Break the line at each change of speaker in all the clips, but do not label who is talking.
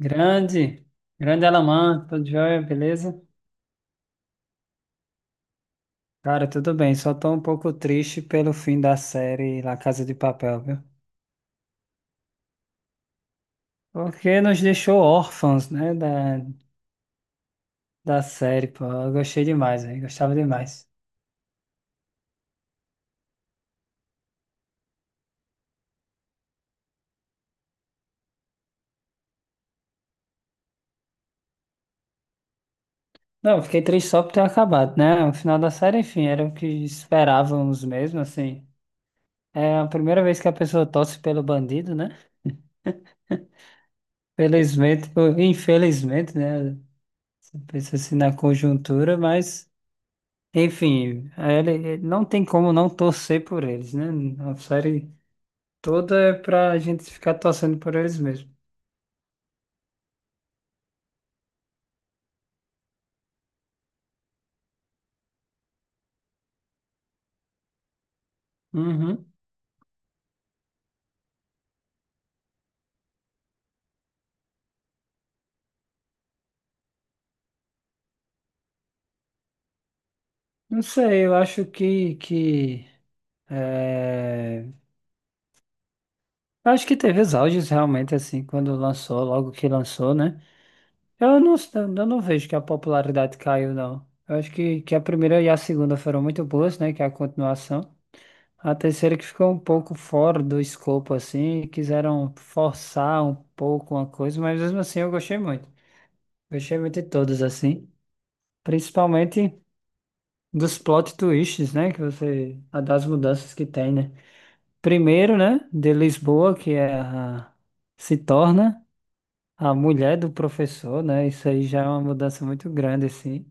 Grande, grande Alamã, tudo jóia, beleza? Cara, tudo bem, só tô um pouco triste pelo fim da série La Casa de Papel, viu? Porque nos deixou órfãos, né, da série, pô, eu gostei demais, velho, gostava demais. Não, eu fiquei triste só por ter acabado, né, o final da série, enfim, era o que esperávamos mesmo, assim. É a primeira vez que a pessoa torce pelo bandido, né? Felizmente, ou infelizmente, né, você pensa assim na conjuntura, mas... Enfim, não tem como não torcer por eles, né? A série toda é pra gente ficar torcendo por eles mesmo. Uhum. Não sei, eu acho que é, eu acho que teve os auges realmente, assim, quando lançou, logo que lançou, né? Eu não, eu não vejo que a popularidade caiu, não. Eu acho que a primeira e a segunda foram muito boas, né? Que é a continuação. A terceira que ficou um pouco fora do escopo, assim, quiseram forçar um pouco uma coisa, mas mesmo assim eu gostei muito. Gostei muito de todas, assim. Principalmente dos plot twists, né? Que você. A Das mudanças que tem, né? Primeiro, né? De Lisboa, que é a, se torna a mulher do professor, né? Isso aí já é uma mudança muito grande, assim.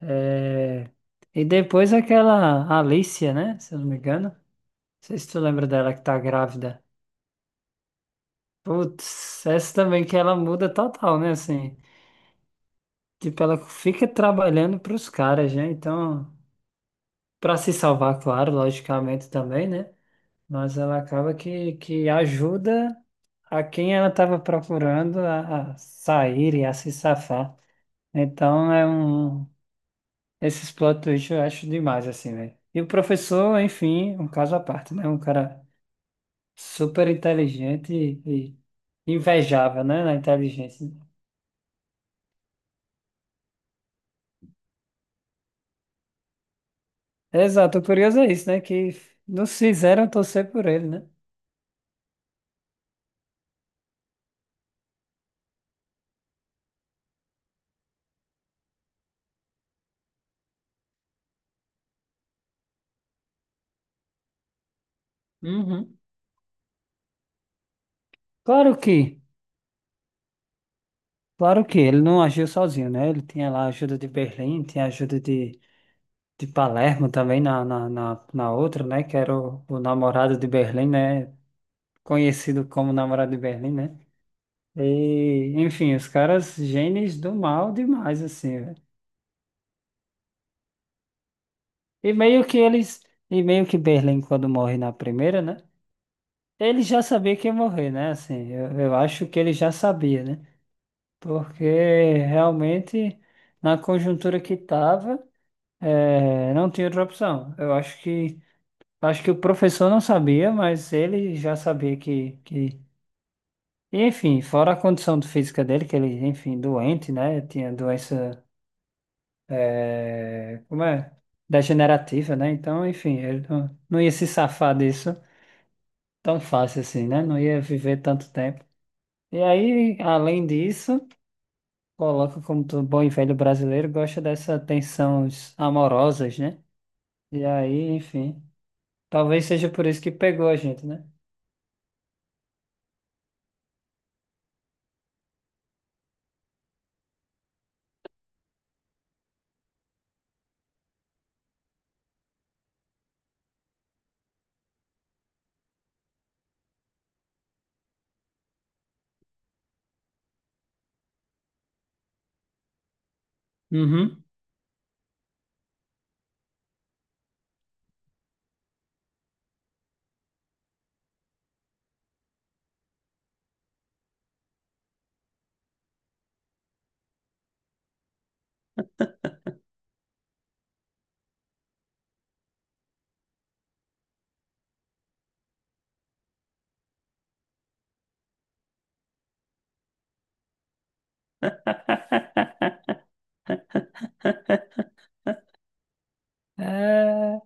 É, e depois aquela Alicia, né? Se eu não me engano. Não sei se tu lembra dela que tá grávida. Putz, essa também que ela muda total, né? Assim, tipo, ela fica trabalhando pros caras, né? Então, pra se salvar, claro, logicamente também, né? Mas ela acaba que ajuda a quem ela tava procurando a sair e a se safar. Então, é um. Esses plot twists eu acho demais, assim, velho. E o professor, enfim, um caso à parte, né? Um cara super inteligente e invejável, né? Na inteligência. Exato, o curioso é isso, né? Que nos fizeram torcer por ele, né? Uhum. Claro que, claro que ele não agiu sozinho, né? Ele tinha lá a ajuda de Berlim, tinha a ajuda de Palermo também na outra, né? Que era o namorado de Berlim, né? Conhecido como namorado de Berlim, né? E, enfim, os caras gênios do mal demais, assim, velho. E meio que eles, e meio que Berlim, quando morre na primeira, né? Ele já sabia que ia morrer, né? Assim, eu acho que ele já sabia, né? Porque realmente, na conjuntura que estava, não tinha outra opção. Eu acho que o professor não sabia, mas ele já sabia que... E, enfim, fora a condição de física dele, que ele, enfim, doente, né? Tinha doença, é, como é? Degenerativa, né? Então, enfim, ele não, não ia se safar disso tão fácil assim, né? Não ia viver tanto tempo. E aí, além disso... Coloca como todo bom e velho brasileiro gosta dessas tensões amorosas, né? E aí, enfim. Talvez seja por isso que pegou a gente, né? Uhum. É.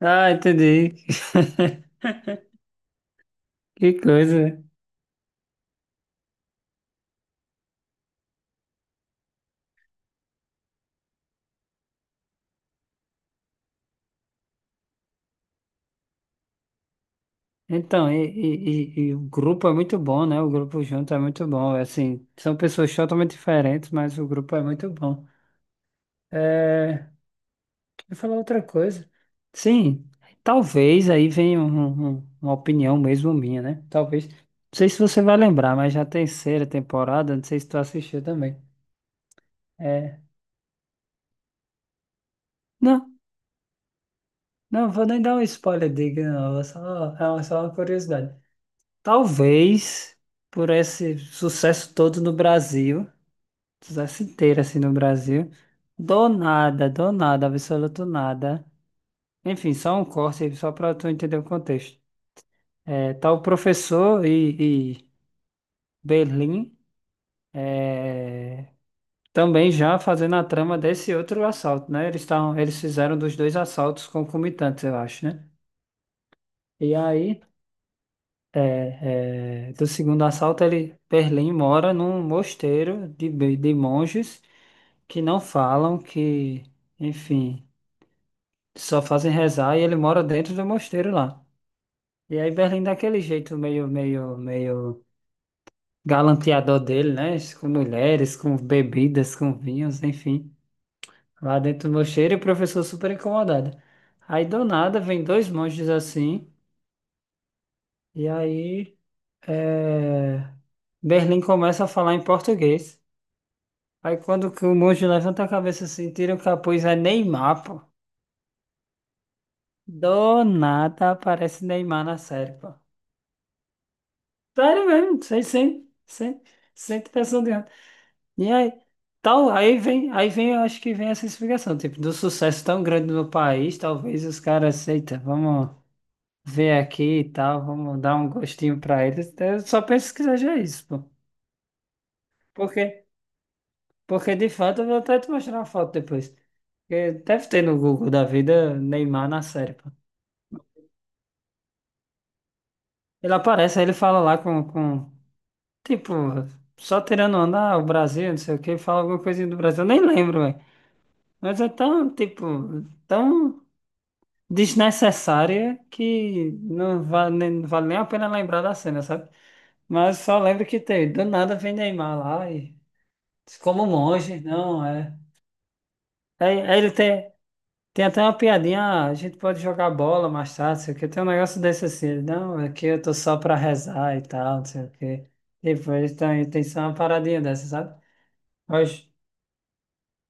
Ah, entendi. Que coisa. Então, e o grupo é muito bom, né? O grupo junto é muito bom. Assim, são pessoas totalmente diferentes, mas o grupo é muito bom. É, eu ia falar outra coisa. Sim, talvez aí venha uma opinião mesmo minha, né? Talvez. Não sei se você vai lembrar, mas já a terceira temporada, não sei se tu assistiu também. É. Não, não vou nem dar um spoiler, diga, não. É só, só uma curiosidade. Talvez por esse sucesso todo no Brasil, sucesso inteiro assim no Brasil, do nada, absoluto nada. Enfim, só um corte só para tu entender o contexto. É, tá o professor e Berlim é, também já fazendo a trama desse outro assalto, né? Eles estavam, eles fizeram dos dois assaltos concomitantes, eu acho, né? E aí, do segundo assalto, ele, Berlim mora num mosteiro de, de monges que não falam, que, enfim, só fazem rezar e ele mora dentro do mosteiro lá. E aí Berlim daquele jeito meio galanteador dele, né? Com mulheres, com bebidas, com vinhos, enfim. Lá dentro do mosteiro e o professor super incomodado. Aí do nada vem dois monges assim, e aí é, Berlim começa a falar em português. Aí quando que o monge levanta a cabeça assim, tira o capuz, é Neymar, pô. Do nada aparece Neymar na série, pô. Sério mesmo, sem pressão de E aí, tal, aí vem, eu acho que vem essa explicação, tipo, do sucesso tão grande no país, talvez os caras, aceitem vamos ver aqui e tal, vamos dar um gostinho pra eles. Eu só penso que seja isso, pô. Porque, porque de fato, eu vou até te mostrar uma foto depois. Porque deve ter no Google da vida Neymar na série, pô. Ele aparece, aí ele fala lá com tipo, só tirando onda, ah, o Brasil, não sei o que, fala alguma coisinha do Brasil, eu nem lembro, velho. Mas é tão, tipo, tão. Desnecessária que não vale, não vale nem a pena lembrar da cena, sabe? Mas só lembro que tem, do nada vem Neymar lá e diz, como um monge, não é. Aí ele tem, até uma piadinha, "Ah, a gente pode jogar bola mais tarde, não sei o quê. Tem um negócio desse assim, ele, não, é que eu tô só pra rezar e tal, não sei o quê. Tipo, ele tem, tem só uma paradinha dessa, sabe? Mas,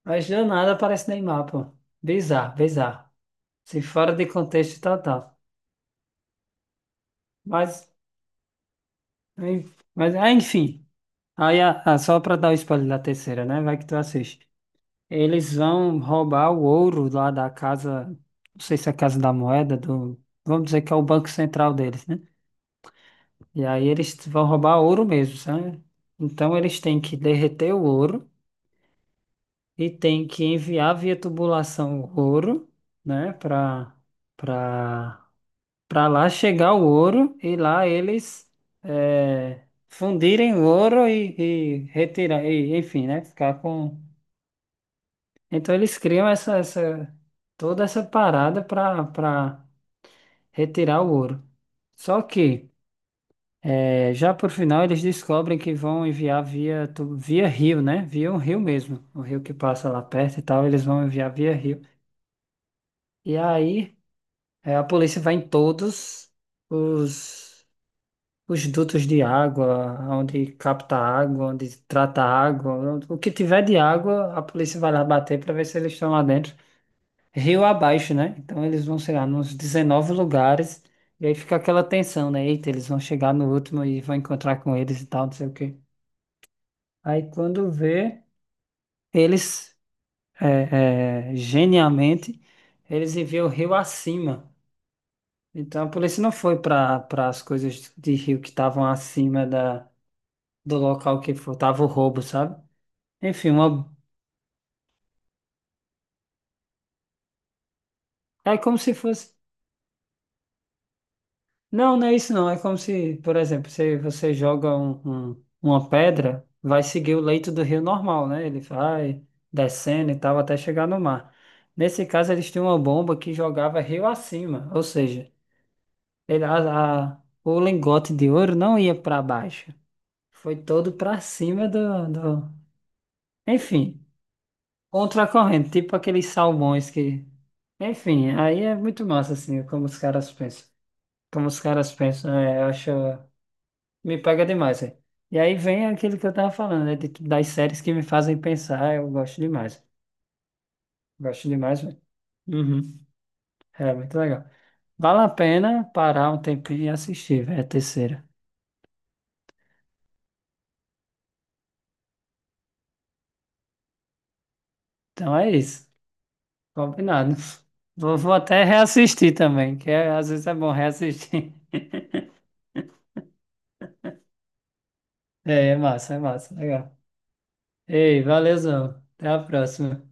mas do nada aparece Neymar, pô. Bizarro, bizarro. Se fora de contexto total. Mas, mas, mas, ah, enfim. Aí, só pra dar o spoiler da terceira, né? Vai que tu assiste. Eles vão roubar o ouro lá da casa, não sei se é a casa da moeda, do, vamos dizer que é o banco central deles, né? E aí eles vão roubar ouro mesmo, sabe? Então eles têm que derreter o ouro e têm que enviar via tubulação o ouro, né? Pra, pra lá chegar o ouro e lá eles eh, fundirem o ouro e retirar, e, enfim, né? Ficar com. Então eles criam essa toda essa parada para retirar o ouro. Só que eh, já por final eles descobrem que vão enviar via rio, né? Via um rio mesmo, o rio que passa lá perto e tal, eles vão enviar via rio. E aí eh, a polícia vai em todos os os dutos de água, onde capta água, onde trata água, o que tiver de água, a polícia vai lá bater para ver se eles estão lá dentro. Rio abaixo, né? Então eles vão chegar nos 19 lugares e aí fica aquela tensão, né? Eita, eles vão chegar no último e vão encontrar com eles e tal, não sei o quê. Aí quando vê, eles, genialmente, eles enviam o rio acima. Então a polícia não foi para as coisas de rio que estavam acima da, do local que foi tava o roubo, sabe? Enfim, uma, é como se fosse. Não, não é isso não. É como se, por exemplo, se você joga um, uma pedra, vai seguir o leito do rio normal, né? Ele vai descendo e tal até chegar no mar. Nesse caso, eles tinham uma bomba que jogava rio acima, ou seja, ele, a, o lingote de ouro não ia para baixo, foi todo para cima do, do... Enfim, contra a corrente, tipo aqueles salmões que... Enfim, aí é muito massa, assim, como os caras pensam. Como os caras pensam, é, eu acho. Me pega demais, é. E aí vem aquilo que eu tava falando, né? de- das séries que me fazem pensar, eu gosto demais. Gosto demais, velho. Uhum. É muito legal. Vale a pena parar um tempinho e assistir, velho, a terceira. Então é isso. Combinado. Vou até reassistir também, às vezes é bom reassistir. É, é massa, é massa. Legal. Ei, valeuzão. Até a próxima.